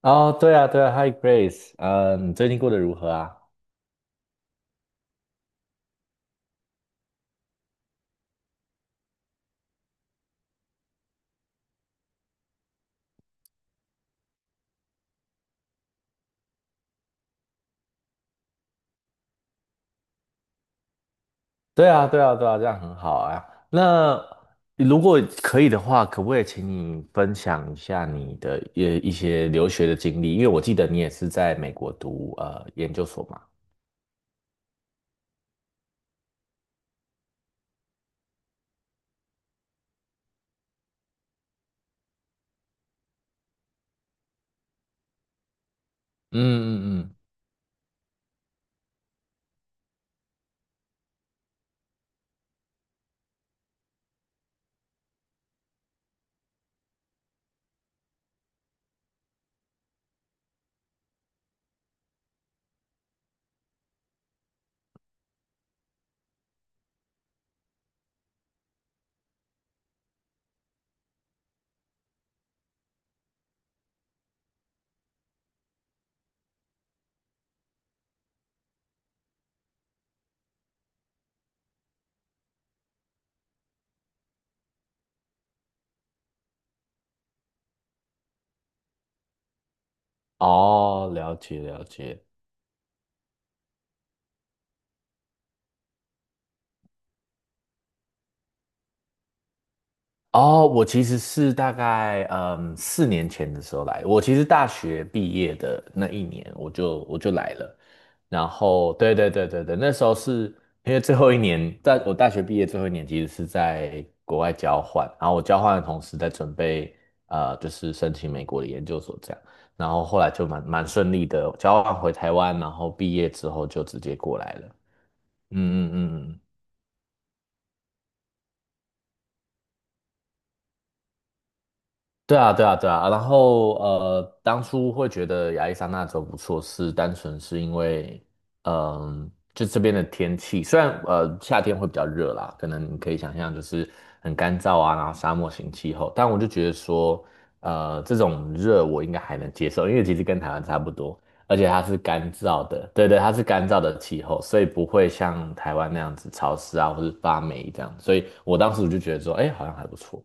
哦，对啊，对啊，Hi Grace，嗯，你最近过得如何啊？对啊，对啊，对啊，这样很好啊。那如果可以的话，可不可以请你分享一下你的一些留学的经历？因为我记得你也是在美国读研究所嘛。嗯嗯嗯。哦，了解了解。哦，我其实是大概4年前的时候来，我其实大学毕业的那一年我就来了，然后对对对对对，那时候是因为最后一年，在我大学毕业最后一年其实是在国外交换，然后我交换的同时在准备就是申请美国的研究所这样，然后后来就蛮顺利的交换回台湾，然后毕业之后就直接过来了，嗯嗯嗯嗯。对啊，对啊，对啊。然后当初会觉得亚利桑那州不错，是单纯是因为，嗯、就这边的天气，虽然夏天会比较热啦，可能你可以想象就是很干燥啊，然后沙漠型气候，但我就觉得说，这种热我应该还能接受，因为其实跟台湾差不多，而且它是干燥的，对对，它是干燥的气候，所以不会像台湾那样子潮湿啊，或是发霉这样，所以我当时我就觉得说，哎，好像还不错。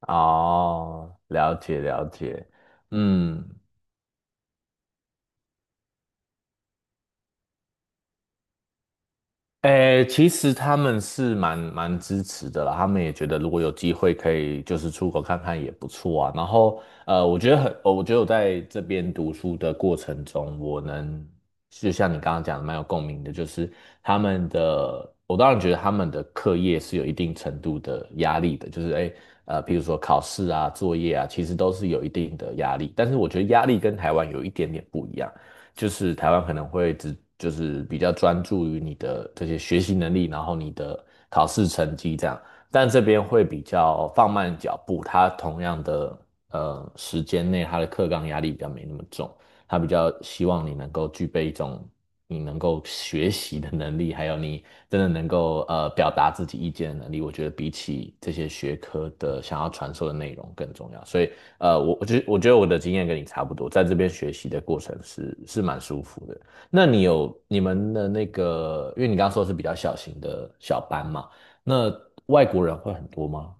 哦，了解了解。嗯。诶，其实他们是蛮支持的啦，他们也觉得如果有机会可以就是出国看看也不错啊。然后我觉得很，我觉得我在这边读书的过程中，我能就像你刚刚讲的蛮有共鸣的，就是他们的，我当然觉得他们的课业是有一定程度的压力的，就是诶。比如说考试啊、作业啊，其实都是有一定的压力，但是我觉得压力跟台湾有一点点不一样。就是台湾可能会只就是比较专注于你的这些学习能力，然后你的考试成绩这样，但这边会比较放慢脚步，它同样的时间内，它的课纲压力比较没那么重，它比较希望你能够具备一种。你能够学习的能力，还有你真的能够表达自己意见的能力，我觉得比起这些学科的想要传授的内容更重要。所以我觉得我的经验跟你差不多，在这边学习的过程是蛮舒服的。那你有你们的那个，因为你刚刚说是比较小型的小班嘛，那外国人会很多吗？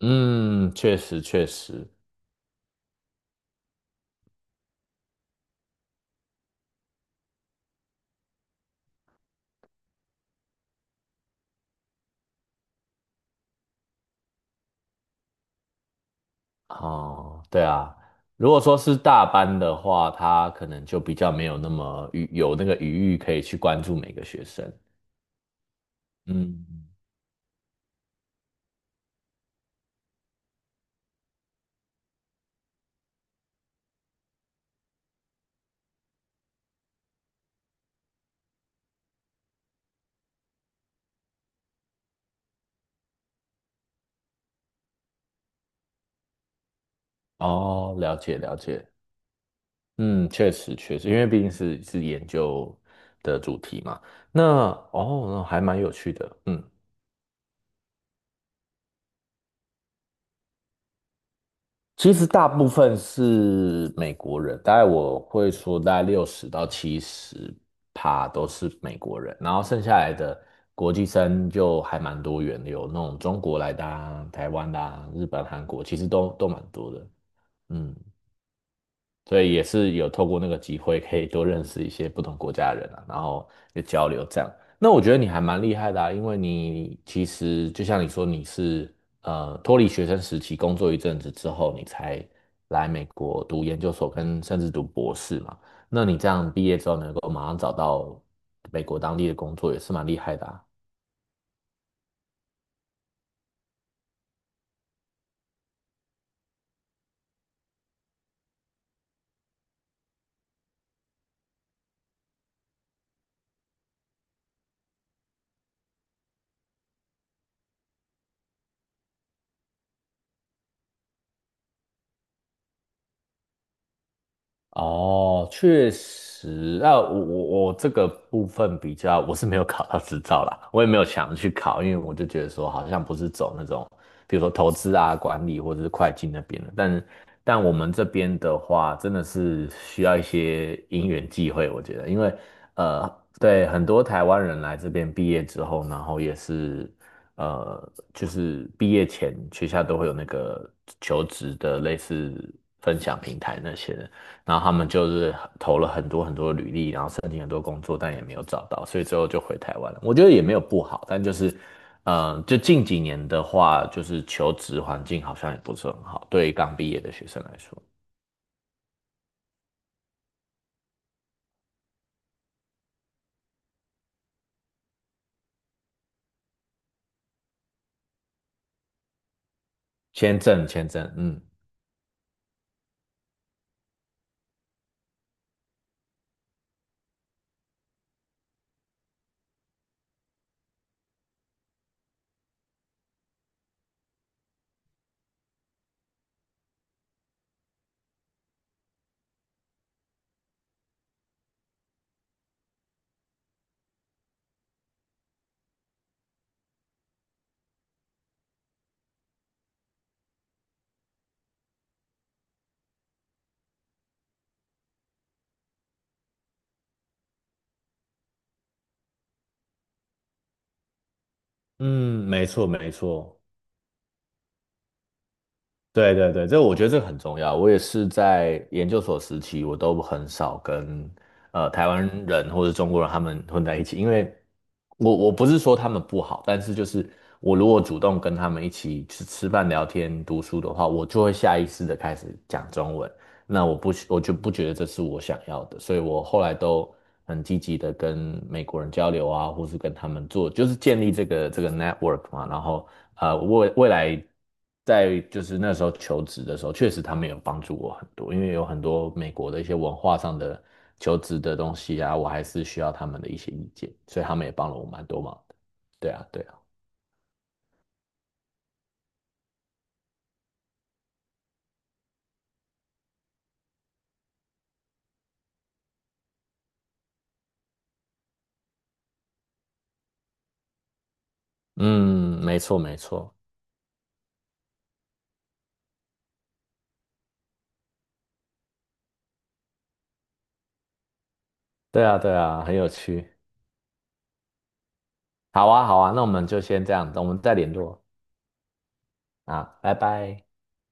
嗯，确实确实。哦，对啊，如果说是大班的话，他可能就比较没有那么余有那个余裕可以去关注每个学生。嗯。哦，了解了解。嗯，确实确实，因为毕竟是研究的主题嘛。那哦，那还蛮有趣的。嗯，其实大部分是美国人，大概我会说大概60到70趴都是美国人，然后剩下来的国际生就还蛮多元的，有那种中国来的啊、台湾的啊、日本、韩国，其实都蛮多的。嗯。所以也是有透过那个机会，可以多认识一些不同国家的人啊，然后就交流这样。那我觉得你还蛮厉害的啊，因为你其实就像你说，你是脱离学生时期工作一阵子之后，你才来美国读研究所跟甚至读博士嘛。那你这样毕业之后能够马上找到美国当地的工作，也是蛮厉害的啊。哦，确实，那我这个部分比较，我是没有考到执照啦，我也没有想去考，因为我就觉得说好像不是走那种，比如说投资啊、管理或者是会计那边的，但但我们这边的话，真的是需要一些因缘际会，我觉得，因为呃，对很多台湾人来这边毕业之后，然后也是就是毕业前学校都会有那个求职的类似分享平台那些的。然后他们就是投了很多很多履历，然后申请很多工作，但也没有找到，所以最后就回台湾了。我觉得也没有不好，但就是，嗯、就近几年的话，就是求职环境好像也不是很好，对于刚毕业的学生来说，签证，签证，嗯。嗯，没错没错，对对对，这我觉得这个很重要。我也是在研究所时期，我都很少跟台湾人或者中国人他们混在一起，因为我我不是说他们不好，但是就是我如果主动跟他们一起去吃饭、聊天、读书的话，我就会下意识的开始讲中文。那我就不觉得这是我想要的，所以我后来都很积极的跟美国人交流啊，或是跟他们做，就是建立这个 network 嘛。然后未来在就是那时候求职的时候，确实他们有帮助我很多，因为有很多美国的一些文化上的求职的东西啊，我还是需要他们的一些意见，所以他们也帮了我蛮多忙的。对啊，对啊。嗯，没错没错。对啊对啊，很有趣。好啊好啊，那我们就先这样，我们再联络。啊，拜拜。